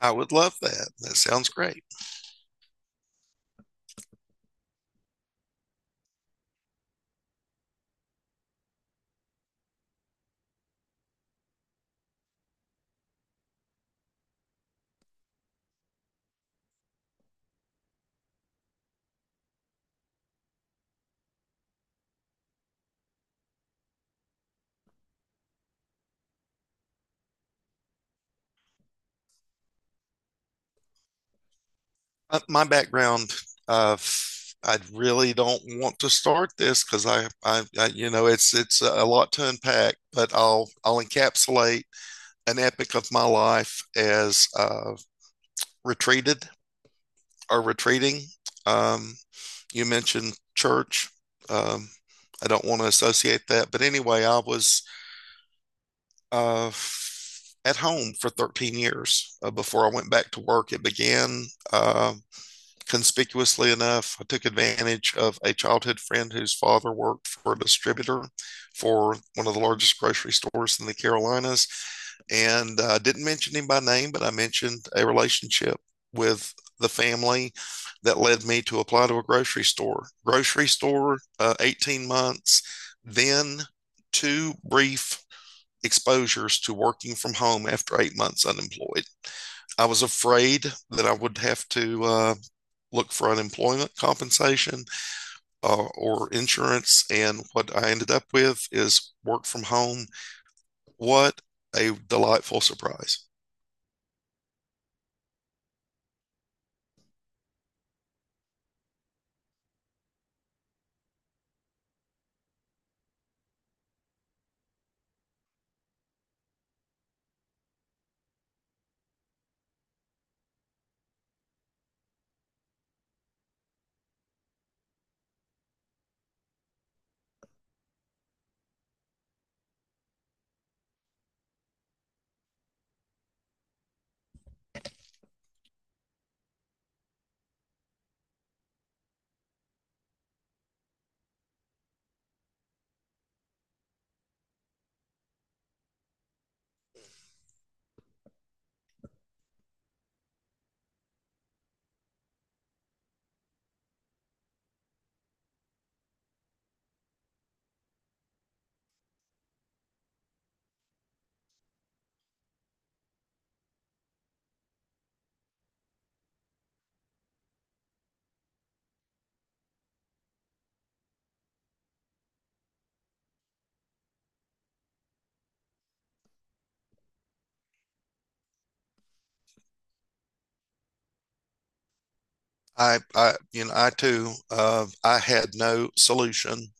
I would love that. That sounds great. My background, I really don't want to start this because I, you know, it's a lot to unpack, but I'll encapsulate an epic of my life as retreated or retreating. Um, you mentioned church. Um, I don't want to associate that, but anyway, I was at home for 13 years before I went back to work. It began. Uh, Conspicuously enough, I took advantage of a childhood friend whose father worked for a distributor for one of the largest grocery stores in the Carolinas. And I didn't mention him by name, but I mentioned a relationship with the family that led me to apply to a grocery store. Grocery store, 18 months, then two brief exposures to working from home after 8 months unemployed. I was afraid that I would have to look for unemployment compensation or insurance. And what I ended up with is work from home. What a delightful surprise. You know, I too, I had no solution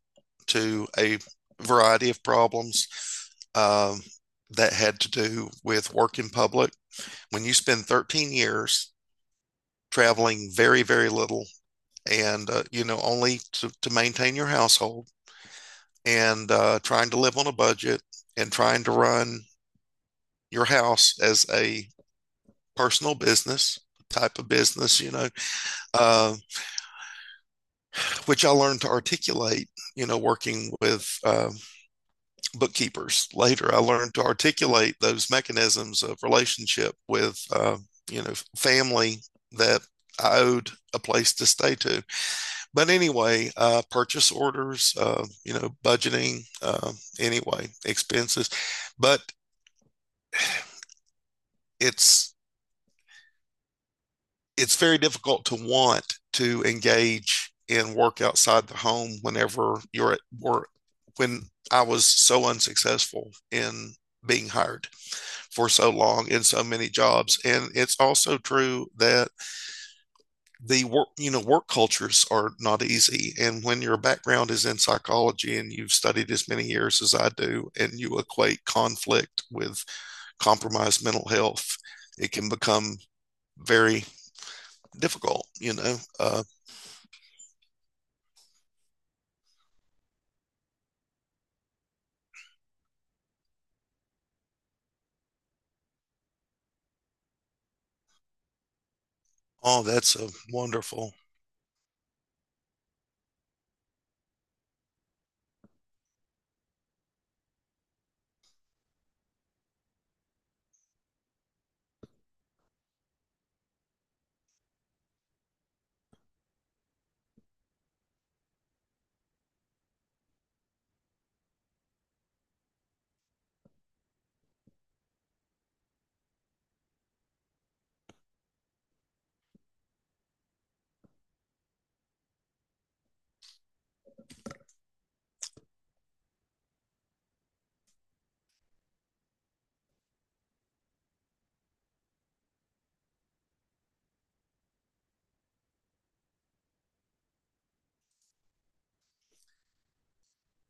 to a variety of problems um, that had to do with work in public. When you spend 13 years traveling very, very little and you know only to maintain your household and trying to live on a budget and trying to run your house as a personal business type of business, you know, uh, which I learned to articulate, you know, working with bookkeepers. Later I learned to articulate those mechanisms of relationship with you know, family that I owed a place to stay to. But anyway, purchase orders, you know, budgeting, expenses. But it's it's very difficult to want to engage in work outside the home whenever you're at work. When I was so unsuccessful in being hired for so long in so many jobs, and it's also true that the work, you know, work cultures are not easy. And when your background is in psychology and you've studied as many years as I do, and you equate conflict with compromised mental health, it can become very difficult, you know. Oh, that's a wonderful.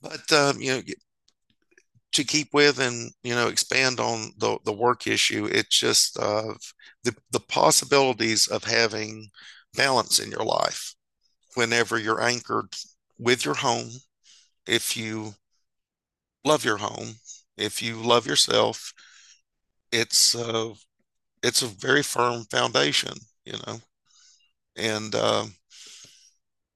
But you know, to keep with and, you know, expand on the work issue, it's just the possibilities of having balance in your life whenever you're anchored with your home, if you love your home, if you love yourself, it's uh, it's a very firm foundation, you know. And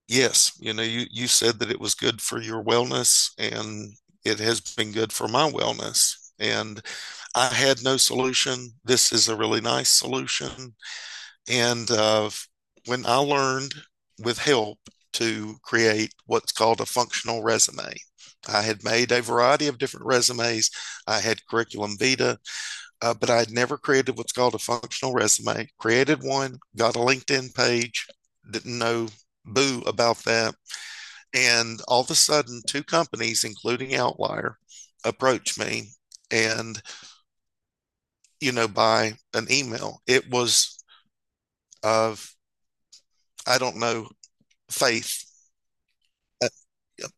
yes, you know, you said that it was good for your wellness, and it has been good for my wellness. And I had no solution. This is a really nice solution. And when I learned with help to create what's called a functional resume, I had made a variety of different resumes. I had curriculum vitae, but I had never created what's called a functional resume. Created one, got a LinkedIn page, didn't know boo about that. And all of a sudden, two companies, including Outlier, approached me and, you know, by an email. It was of, I don't know, faith. That. Yep.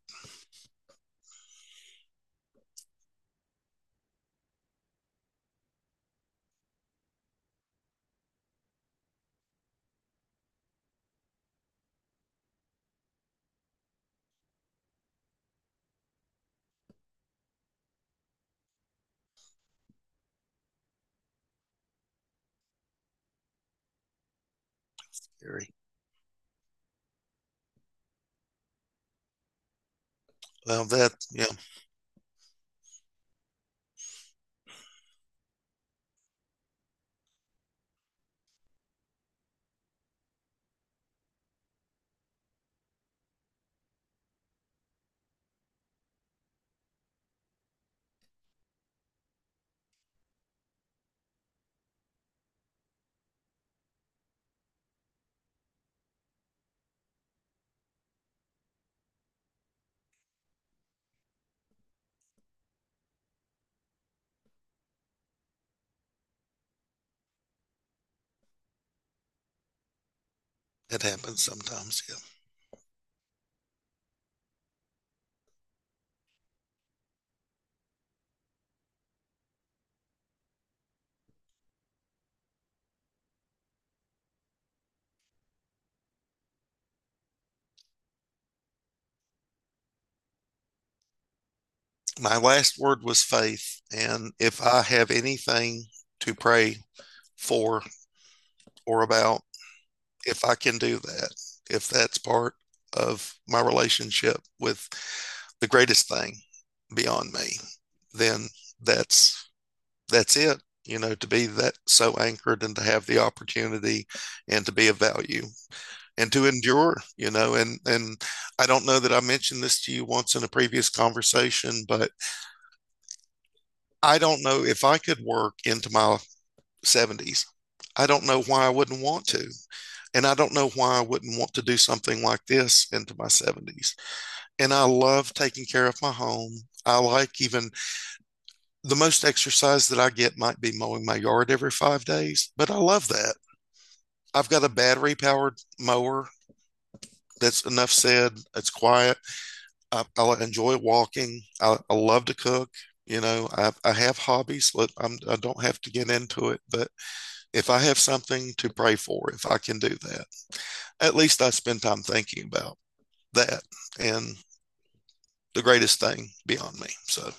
Gary. Well, that, yeah, that happens sometimes. Yeah. My last word was faith. And if I have anything to pray for or about, if I can do that, if that's part of my relationship with the greatest thing beyond me, then that's that's it. You know, to be that so anchored and to have the opportunity and to be of value and to endure, you know. And I don't know that I mentioned this to you once in a previous conversation, but I don't know if I could work into my 70s. I don't know why I wouldn't want to, and I don't know why I wouldn't want to do something like this into my 70s. And I love taking care of my home. I like, even the most exercise that I get might be mowing my yard every 5 days, but I love that. I've got a battery powered mower, that's enough said. It's quiet. I enjoy walking. I love to cook. You know, I have hobbies. I don't have to get into it, but if I have something to pray for, if I can do that, at least I spend time thinking about that and the greatest thing beyond me. So,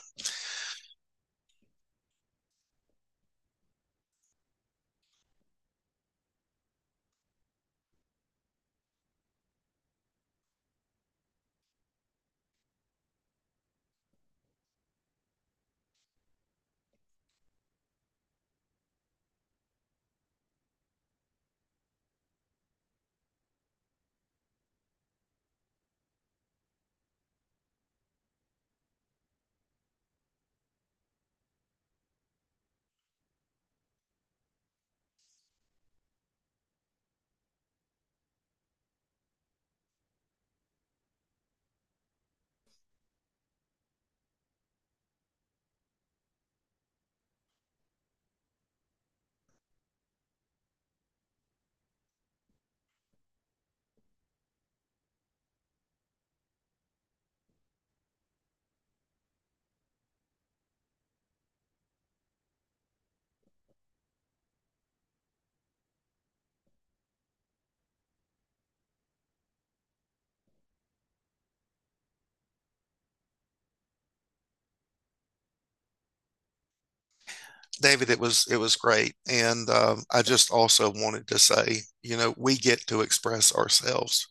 David, it was great, and I just also wanted to say, you know, we get to express ourselves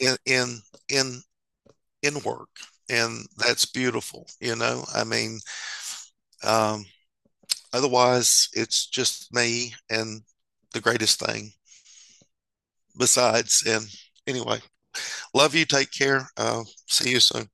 in in in in work, and that's beautiful. You know, I mean, um, otherwise, it's just me and the greatest thing besides. And anyway, love you. Take care. See you soon.